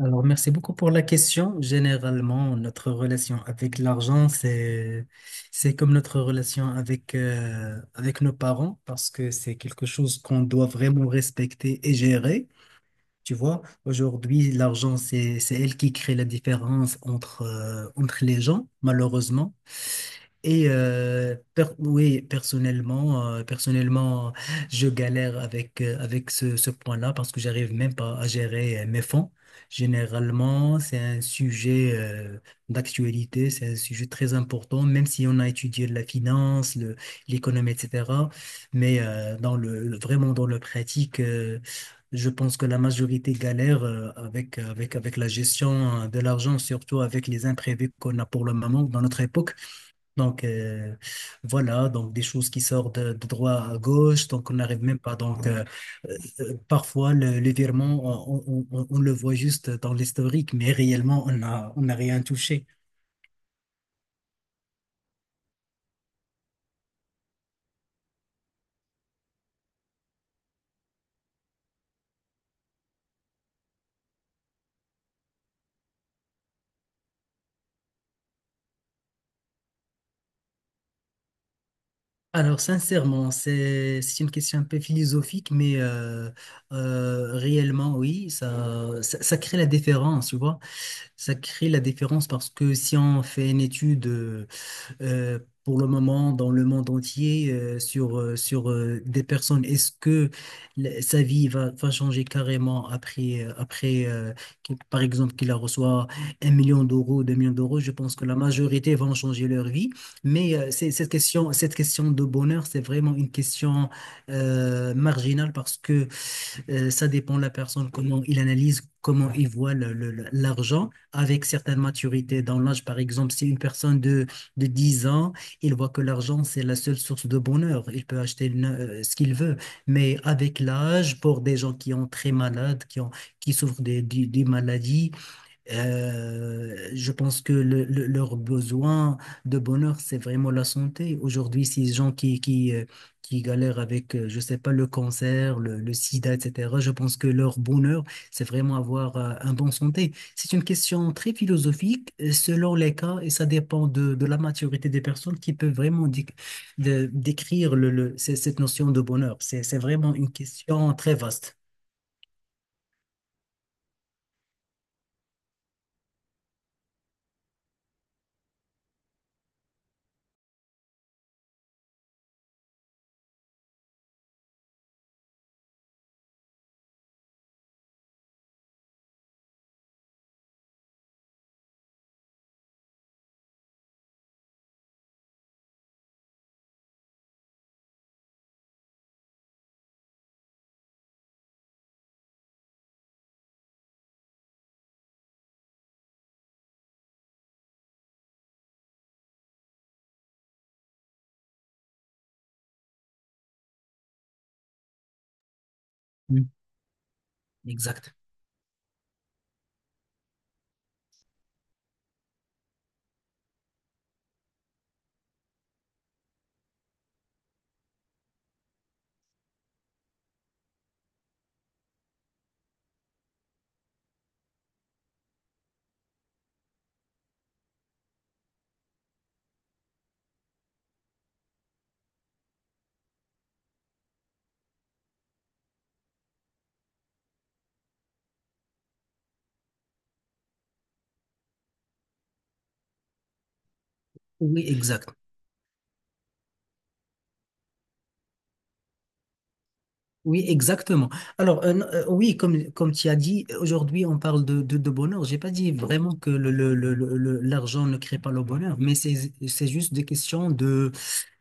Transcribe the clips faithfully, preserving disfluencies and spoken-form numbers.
Alors, merci beaucoup pour la question. Généralement, notre relation avec l'argent, c'est, c'est comme notre relation avec, euh, avec nos parents parce que c'est quelque chose qu'on doit vraiment respecter et gérer. Tu vois, aujourd'hui, l'argent, c'est, c'est elle qui crée la différence entre, euh, entre les gens, malheureusement. Et euh, per- oui, personnellement, euh, personnellement, je galère avec, euh, avec ce, ce point-là parce que j'arrive même pas à gérer euh, mes fonds. Généralement, c'est un sujet euh, d'actualité, c'est un sujet très important, même si on a étudié la finance, le- l'économie, et cetera. Mais euh, dans le, le- vraiment dans la pratique, euh, je pense que la majorité galère euh, avec, avec, avec la gestion euh, de l'argent, surtout avec les imprévus qu'on a pour le moment dans notre époque. Donc euh, voilà, donc des choses qui sortent de, de droit à gauche, donc on n'arrive même pas. Donc euh, euh, euh, parfois le, le virement, on, on- on- on le voit juste dans l'historique, mais réellement on a, on n'a rien touché. Alors sincèrement, c'est c'est une question un peu philosophique, mais euh, euh, réellement oui, ça, ça ça crée la différence, tu vois. Ça crée la différence parce que si on fait une étude euh, euh, pour le moment dans le monde entier euh, sur, euh, sur euh, des personnes. Est-ce que la- sa vie va, va changer carrément après, euh, après euh, qu'il- par exemple, qu'il la reçoit un million d'euros, deux millions d'euros? Je pense que la majorité vont changer leur vie. Mais euh, c'est- cette question, cette question de bonheur, c'est vraiment une question euh, marginale parce que euh, ça dépend de la personne, comment il analyse, comment il voit le- le- le- l'argent avec certaines maturités dans l'âge. Par exemple, si une personne de, de dix ans, il voit que l'argent, c'est la seule source de bonheur. Il peut acheter une- euh, ce qu'il veut. Mais avec l'âge, pour des gens qui ont très malades, qui ont, qui souffrent des, des- des maladies, euh, je pense que le- le- leur besoin de bonheur, c'est vraiment la santé. Aujourd'hui, ces gens qui, qui, euh, qui galèrent avec, euh, je sais pas, le cancer, le, le sida, et cetera, je pense que leur bonheur, c'est vraiment avoir euh, un bon santé. C'est une question très philosophique, euh, selon les cas, et ça dépend de, de la maturité des personnes qui peuvent vraiment dic- de- décrire le, le- c- cette notion de bonheur. C'est, c'est vraiment une question très vaste. Mm. Exact. Oui, exact. Oui, exactement. Alors, euh, euh, oui, comme, comme tu as dit, aujourd'hui, on parle de, de, de bonheur. J'ai pas dit vraiment que le, le, le, le- le- l'argent ne crée pas le bonheur, mais c'est, c'est juste des questions de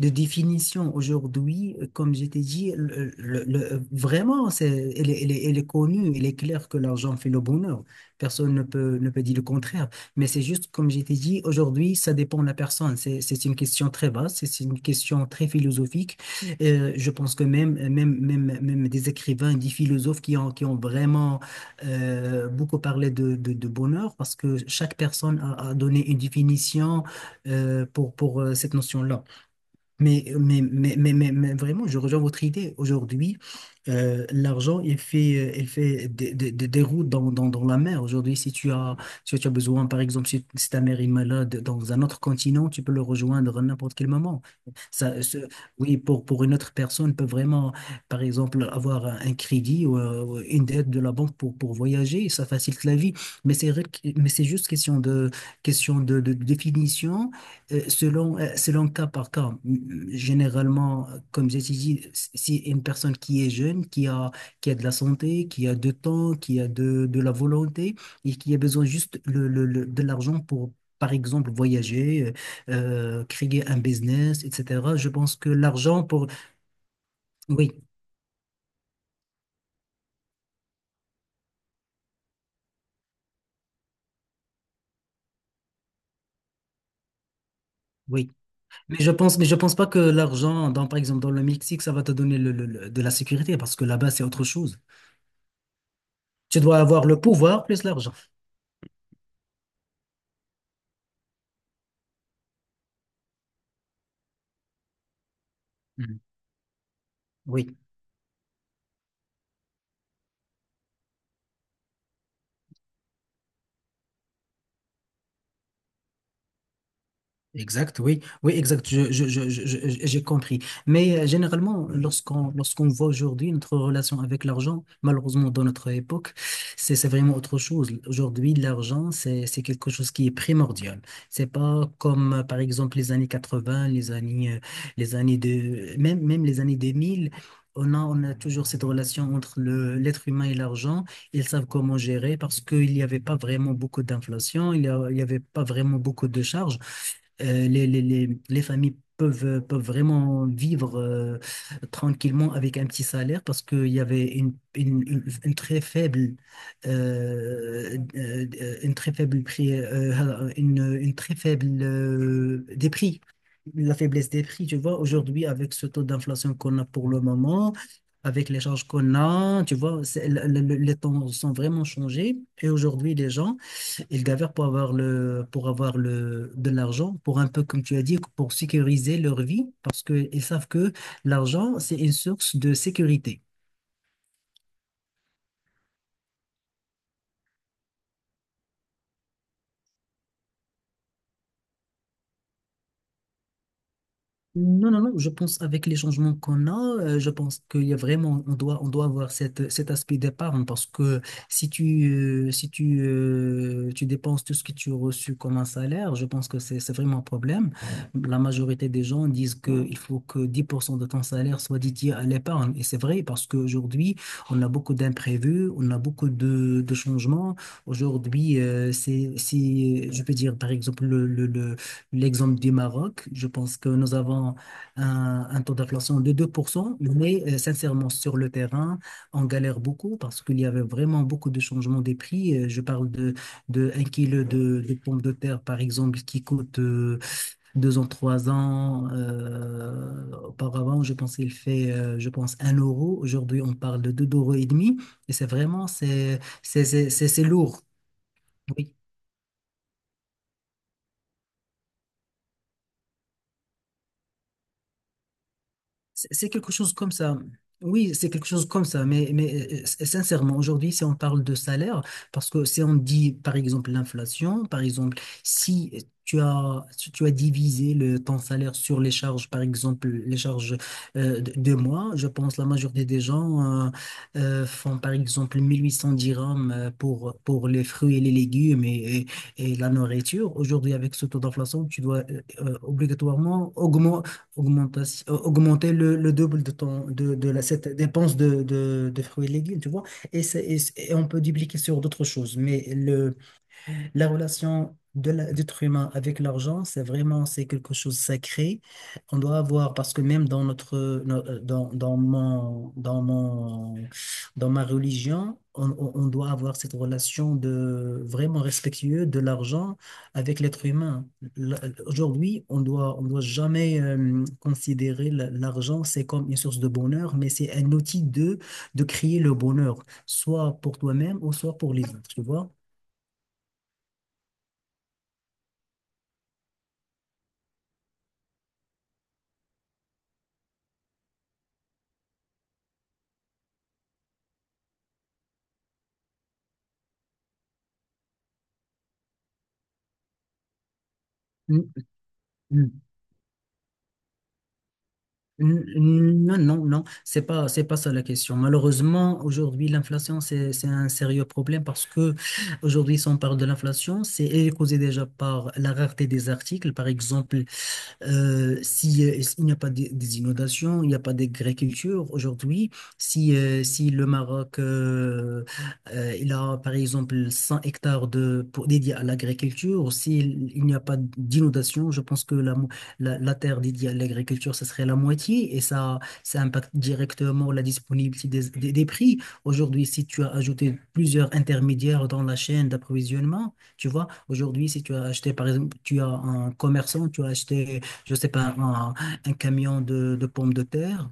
définition aujourd'hui, euh, comme je t'ai dit, le, le- le- vraiment, c'est, elle est, elle est- elle est connue, il est clair que l'argent fait le bonheur. Personne ne peut, ne peut dire le contraire. Mais c'est juste, comme je t'ai dit, aujourd'hui, ça dépend de la personne. C'est, c'est une question très basse, c'est une question très philosophique. Euh, je pense que même, même, même, même des écrivains, des philosophes qui ont, qui ont vraiment euh, beaucoup parlé de, de, de bonheur, parce que chaque personne a, a donné une définition euh, pour, pour euh, cette notion-là. Mais, mais, mais, mais, mais, mais vraiment, je rejoins votre idée. Aujourd'hui, euh, l'argent, il fait, euh, il fait des, des, des- des routes dans, dans, dans la mer. Aujourd'hui, si tu as, si tu as besoin, par exemple, si, si ta mère est malade dans un autre continent, tu peux le rejoindre à n'importe quel moment. Ça, ce- oui, pour, pour une autre personne, peut vraiment, par exemple, avoir un un crédit ou euh, ou une dette de la banque pour, pour voyager. Ça facilite la vie. Mais c'est, vrai que- mais c'est juste question de, question de, de de définition euh, Selon, euh, selon cas par cas, M- généralement, euh, comme j'ai dit, si une personne qui est jeune, qui a, qui a de la santé, qui a du temps, qui a de, de la volonté et qui a besoin juste le, le- le- de l'argent pour, par exemple, voyager, euh, euh, créer un business, et cetera, je pense que l'argent pour... Oui, oui. Mais je pense, mais je pense pas que l'argent, dans, par exemple, dans le Mexique, ça va te donner le- le- le- de la sécurité parce que là-bas, c'est autre chose. Tu dois avoir le pouvoir plus l'argent. Mhm. Oui. Exact, oui, oui, exact, je, je, je, je- je- j'ai compris. Mais euh, généralement, lorsqu'on lorsqu'on voit aujourd'hui notre relation avec l'argent, malheureusement dans notre époque, c'est c'est vraiment autre chose. Aujourd'hui, l'argent, c'est c'est quelque chose qui est primordial. C'est pas comme euh, par exemple les années quatre-vingts, les années euh, les années de même même les années deux mille. On a, on a toujours cette relation entre le, l'être humain et l'argent. Ils savent comment gérer parce qu'il n'y avait pas vraiment beaucoup d'inflation, il n'y a- il y avait pas vraiment beaucoup de charges euh, les, les, les, les familles peuvent, euh, peuvent vraiment vivre euh, tranquillement avec un petit salaire parce qu'il y avait une, une, une, une très faible, euh, euh, une très faible prix, euh, une, une très faible euh, des prix. La faiblesse des prix, tu vois, aujourd'hui, avec ce taux d'inflation qu'on a pour le moment, avec les charges qu'on a, tu vois, c'est- le- le- le- les temps sont vraiment changés. Et aujourd'hui, les gens ils galèrent pour avoir le, pour avoir le, de l'argent, pour un peu, comme tu as dit, pour sécuriser leur vie, parce qu'ils savent que l'argent, c'est une source de sécurité. Non, non, non, je pense avec les changements qu'on a, euh, je pense qu'il y a vraiment, on doit, on doit avoir cette, cet aspect d'épargne parce que si tu, euh, si tu, euh, tu dépenses tout ce que tu as reçu comme un salaire, je pense que c'est, c'est vraiment un problème. La majorité des gens disent qu'il faut que dix pour cent de ton salaire soit dédié à l'épargne. Et c'est vrai parce qu'aujourd'hui, on a beaucoup d'imprévus, on a beaucoup de, de changements. Aujourd'hui, euh, c'est, si, je peux dire, par exemple, le le le L'exemple du Maroc, je pense que nous avons un, un taux d'inflation de deux pour cent, mais euh, sincèrement, sur le terrain, on galère beaucoup parce qu'il y avait vraiment beaucoup de changements des prix. Euh, Je parle de, de un kilo de, de pommes de terre, par exemple, qui coûte euh, deux ans, trois ans. euh, auparavant, je pense qu'il fait, euh, je pense, un euro. Aujourd'hui, on parle de deux euros et demi. Et c'est vraiment, c'est, c'est, c'est, c'est c'est lourd. Oui. C'est c'est quelque chose comme ça. Oui, c'est quelque chose comme ça, mais, mais euh, s- sincèrement, aujourd'hui, si on parle de salaire, parce que si on dit, par exemple, l'inflation, par exemple, si tu as, si tu as divisé le, ton salaire sur les charges, par exemple, les charges euh, de, de mois, je pense la majorité des gens euh, euh, font, par exemple, mille huit cents dirhams euh, pour, pour les fruits et les légumes et, et- et la nourriture. Aujourd'hui, avec ce taux d'inflation, tu dois euh, euh, obligatoirement augmentation, euh, augmenter le, le double de, ton, de, de la, cette dépense de, de, de fruits et légumes, tu vois. Et, c'est- et, c'est- et on peut dupliquer sur d'autres choses. Mais le la relation de la- d'être humain avec l'argent, c'est vraiment c'est quelque chose de sacré. On doit avoir parce que même dans notre no- euh, dans, dans mon dans mon dans ma religion, on, on- on doit avoir cette relation de vraiment respectueux de l'argent avec l'être humain. L- Aujourd'hui, on doit on doit jamais euh, considérer la- l'argent c'est comme une source de bonheur, mais c'est un outil de de créer le bonheur, soit pour toi-même ou soit pour les autres, tu vois. Mm. Mm. N- Non, non, non, c'est pas, c'est pas ça la question. Malheureusement, aujourd'hui, l'inflation, c'est, c'est un sérieux problème parce que aujourd'hui, si on parle de l'inflation, c'est elle est causée déjà par la rareté des articles. Par exemple, euh, si, euh, s'il n'y a pas de- des inondations, il n'y a pas d'agriculture aujourd'hui, si, euh, si le Maroc euh, euh, il a par exemple cent hectares de, pour, dédiés à l'agriculture, s'il il n'y a pas d'inondation, je pense que la, mo- la, la terre dédiée à l'agriculture, ça serait la moitié et ça, ça impacte directement la disponibilité des, des des prix. Aujourd'hui, si tu as ajouté plusieurs intermédiaires dans la chaîne d'approvisionnement, tu vois, aujourd'hui, si tu as acheté, par exemple, tu as un commerçant, tu as acheté je sais pas, un, un camion de, de pommes de terre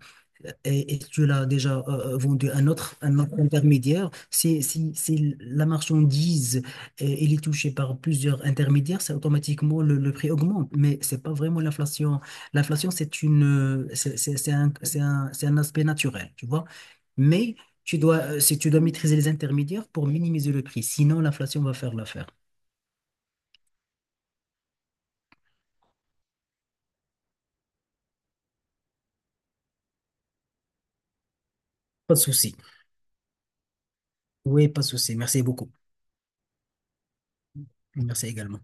et, et tu l'as déjà euh, euh, vendu à un autre, un autre intermédiaire, si, si, si la marchandise euh, elle est touchée par plusieurs intermédiaires, c'est automatiquement le, le prix augmente. Mais c'est pas vraiment l'inflation. L'inflation, c'est une, euh, c'est c'est- c'est un, c'est un, c'est un aspect naturel, tu vois. Mais tu dois, euh, si tu dois maîtriser les intermédiaires pour minimiser le prix, sinon l'inflation va faire l'affaire. Pas de souci. Oui, pas de souci. Merci beaucoup. Merci également.